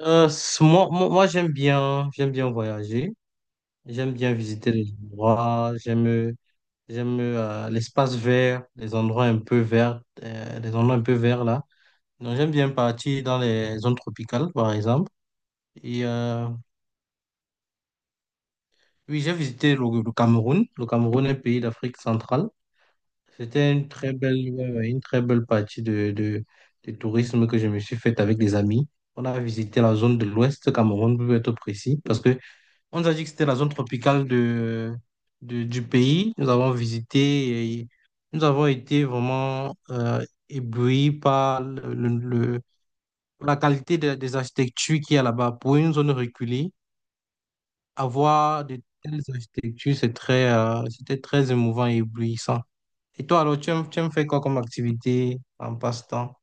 Moi, j'aime bien voyager, j'aime bien visiter les endroits, j'aime l'espace vert, les endroits un peu verts, les endroits un peu verts là. Donc j'aime bien partir dans les zones tropicales, par exemple. Et oui, j'ai visité le Cameroun. Le Cameroun est un pays d'Afrique centrale. C'était une très belle, ouais, ouais, une très belle partie de tourisme que je me suis faite avec des amis. On a visité la zone de l'Ouest Cameroun, pour être précis, parce que on nous a dit que c'était la zone tropicale du pays. Nous avons visité et nous avons été vraiment éblouis par la qualité des architectures qu'il y a là-bas. Pour une zone reculée, avoir de telles architectures, c'était très émouvant et éblouissant. Et toi, alors, tu aimes faire quoi comme activité en passe-temps?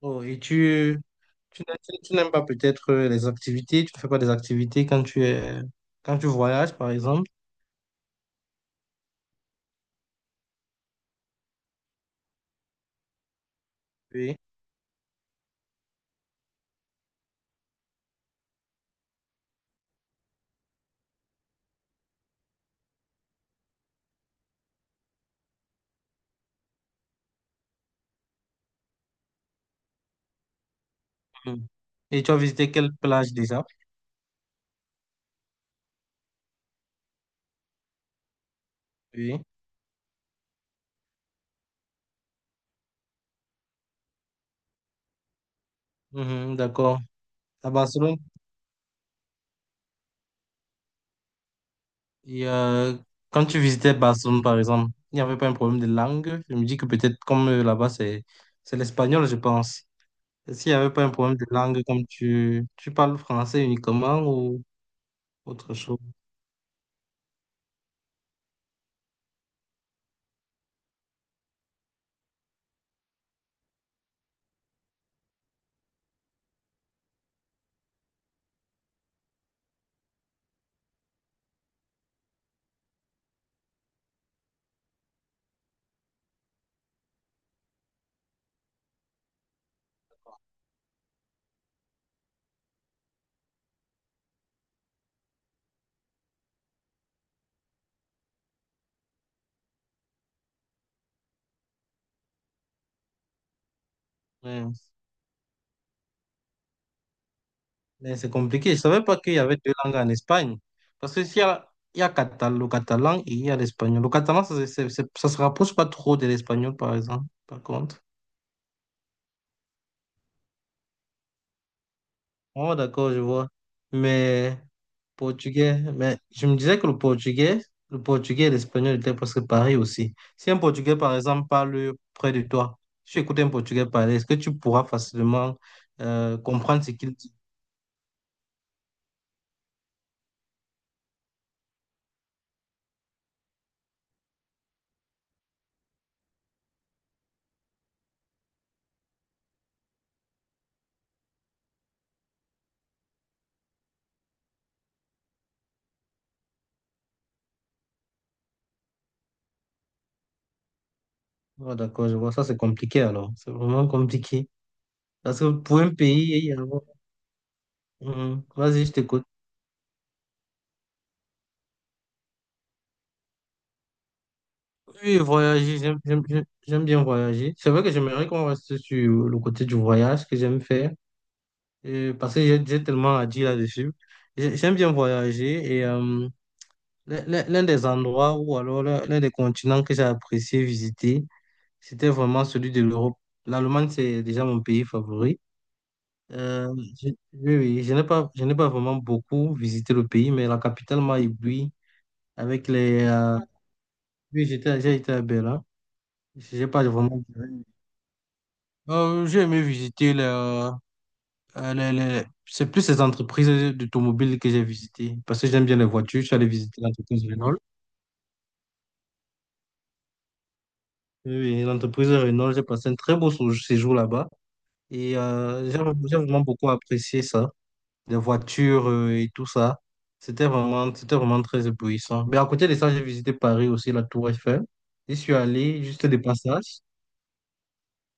Oh, et tu n'aimes pas peut-être les activités, tu ne fais pas des activités quand tu voyages, par exemple? Oui. Mhm. Et tu as visité quelle plage déjà? Oui. Mhm, d'accord. À Barcelone, et quand tu visitais Barcelone, par exemple, il n'y avait pas un problème de langue. Je me dis que peut-être comme là-bas, c'est l'espagnol, je pense. Est-ce qu'il n'y avait pas un problème de langue comme tu parles français uniquement ou autre chose? Ouais. Mais c'est compliqué. Je ne savais pas qu'il y avait deux langues en Espagne. Parce que s'il y a, il y a catal- le catalan et il y a l'espagnol. Le catalan, ça ne se rapproche pas trop de l'espagnol, par exemple, par contre. Oh, d'accord, je vois. Mais portugais, mais je me disais que le portugais et l'espagnol étaient presque pareils aussi. Si un portugais, par exemple, parle près de toi, si tu écoutes un portugais parler, est-ce que tu pourras facilement comprendre ce qu'il dit? Oh, d'accord, je vois. Ça, c'est compliqué alors. C'est vraiment compliqué. Parce que pour un pays, il y a. Mhm. Vas-y, je t'écoute. Oui, voyager, j'aime bien voyager. C'est vrai que j'aimerais qu'on reste sur le côté du voyage que j'aime faire. Parce que j'ai tellement à dire là-dessus. J'aime bien voyager et l'un des endroits ou alors l'un des continents que j'ai apprécié visiter, c'était vraiment celui de l'Europe. L'Allemagne, c'est déjà mon pays favori. Euh, je- oui, oui, je n'ai pas vraiment beaucoup visité le pays, mais la capitale m'a ébloui avec les. Oui, j'ai été à Berlin. J'ai pas vraiment. J'ai aimé visiter C'est plus les entreprises d'automobile que j'ai visitées parce que j'aime bien les voitures. Je suis allé visiter l'entreprise Renault. Oui, oui, l'entreprise Renault, j'ai passé un très beau séjour là-bas et j'ai vraiment beaucoup apprécié ça, les voitures et tout ça. C'était vraiment très éblouissant. Mais à côté de ça, j'ai visité Paris aussi, la Tour Eiffel. Je suis allé juste des passages.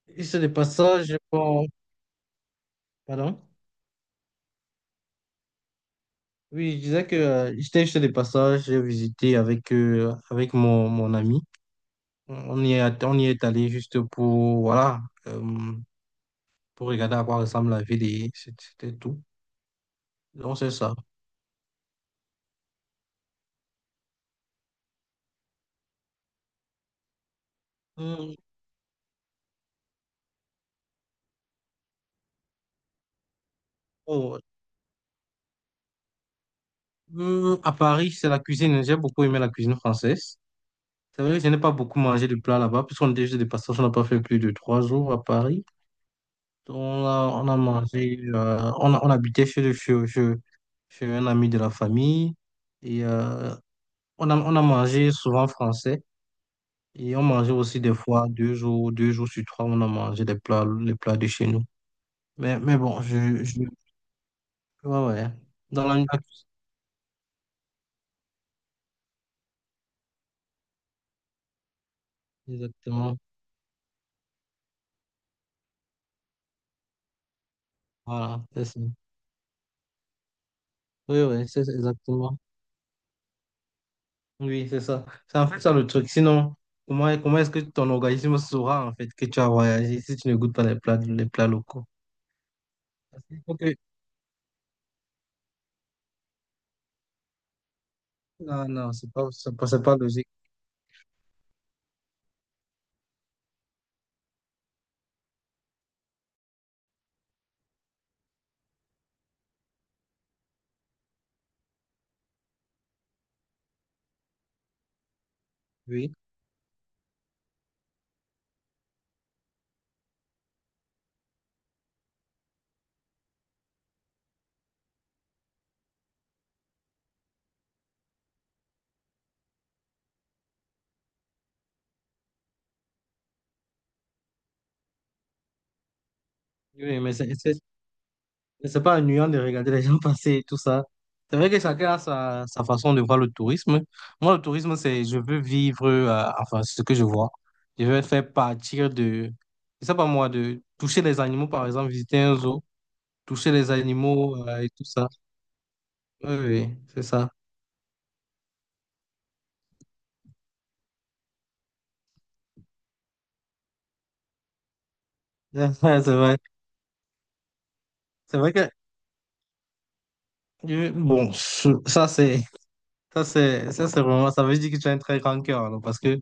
Juste des passages, j'ai pas- pardon. Oui, je disais que j'étais juste des passages, j'ai visité avec mon ami. On y est allé juste pour, voilà, euh, pour regarder à quoi ressemble la ville et c'était tout. Donc, c'est ça. Hum, oh, à Paris, c'est la cuisine. J'ai beaucoup aimé la cuisine française. C'est vrai que je n'ai pas beaucoup mangé de plats là-bas, puisqu'on était juste des passages, on n'a pas fait plus de 3 jours à Paris. Donc, on a mangé, on habitait chez, le- chez, chez- chez un ami de la famille et on a mangé souvent français. Et on mangeait aussi des fois, 2 jours sur 3, on a mangé les plats de chez nous. Mais bon, je, ouais, ouais. Dans la nuit, exactement. Voilà, c'est ça. Oui, oui, c'est ça, exactement. Oui, c'est ça. C'est en fait ça le truc. Sinon, comment est-ce que ton organisme saura en fait que tu as voyagé si tu ne goûtes pas les plats locaux? Parce qu'il faut que- Non, non, c'est pas logique. Oui, oui, mais c'est pas ennuyant de regarder les gens passer et tout ça. C'est vrai que chacun a sa façon de voir le tourisme. Moi, le tourisme, c'est je veux vivre, enfin, ce que je vois. Je veux faire partir je sais pas moi, de toucher les animaux, par exemple, visiter un zoo, toucher les animaux et tout ça. Oui, oui, c'est ça. Ouais, c'est vrai. C'est vrai que, bon, ça, c'est, ça, c'est vraiment, ça veut dire que tu as un très grand cœur, alors, parce que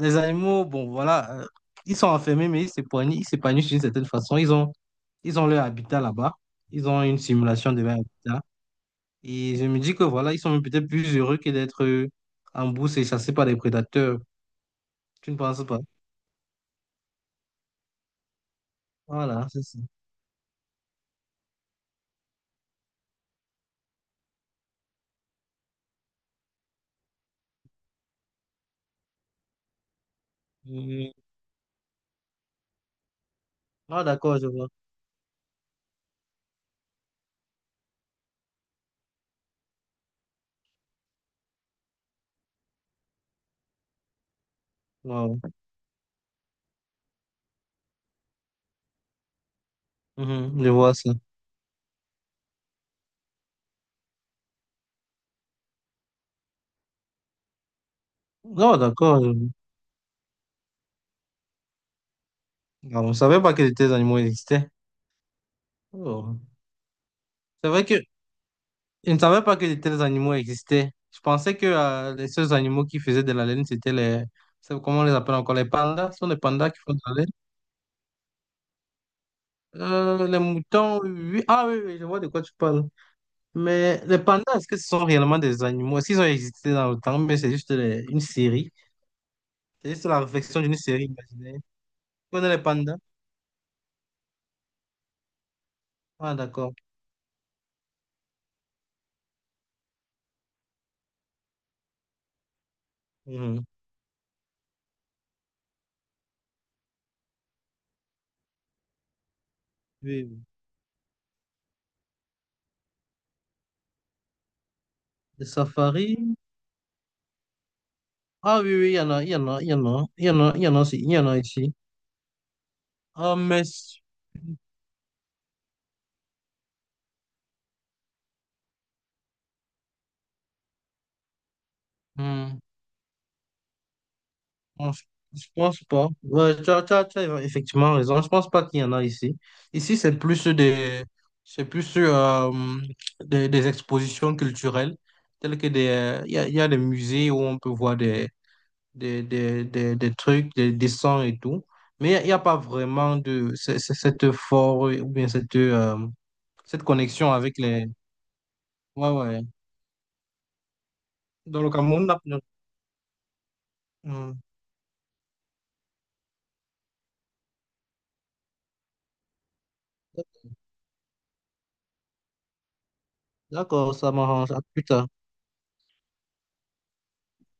les animaux, bon, voilà, ils sont enfermés, mais ils s'épanouissent d'une certaine façon. Ils ont leur habitat là-bas. Ils ont une simulation de leur habitat. Et je me dis que voilà, ils sont même peut-être plus heureux que d'être en bourse et chassés par des prédateurs. Tu ne penses pas? Voilà, c'est ça. Mhm. Ah, d'accord, je vois. Wow. Mhm, je vois ça. Non, d'accord. Je vois. Ah, on ne savait pas que les animaux existaient. Oh. C'est vrai que je ne savais pas que de tels animaux existaient. Je pensais que les seuls animaux qui faisaient de la laine, c'était les. Comment on les appelle encore? Les pandas. Ce sont les pandas qui font de la laine. Les moutons, oui. Ah oui, oui, je vois de quoi tu parles. Mais les pandas, est-ce que ce sont réellement des animaux? Est-ce qu'ils ont existé dans le temps? Mais c'est juste une série. C'est juste la réflexion d'une série imaginaire. Tu connais les pandas? Ah d'accord. Mhm. Oui, oui. Les safaris? Ah oui, oui, il y en a ici. Ah mais. Hmm. Non, Je pense pas. Ouais, tu as effectivement raison. Je pense pas qu'il y en a ici. Ici, c'est plus c'est plus euh, des expositions culturelles, telles que des, il y a des musées où on peut voir des trucs, des dessins et tout. Mais il y a pas vraiment de cette force ou bien cette connexion avec les. Ouais, ouais. Dans le Cameroun, là, non. Hmm. D'accord, ça m'arrange. À plus tard.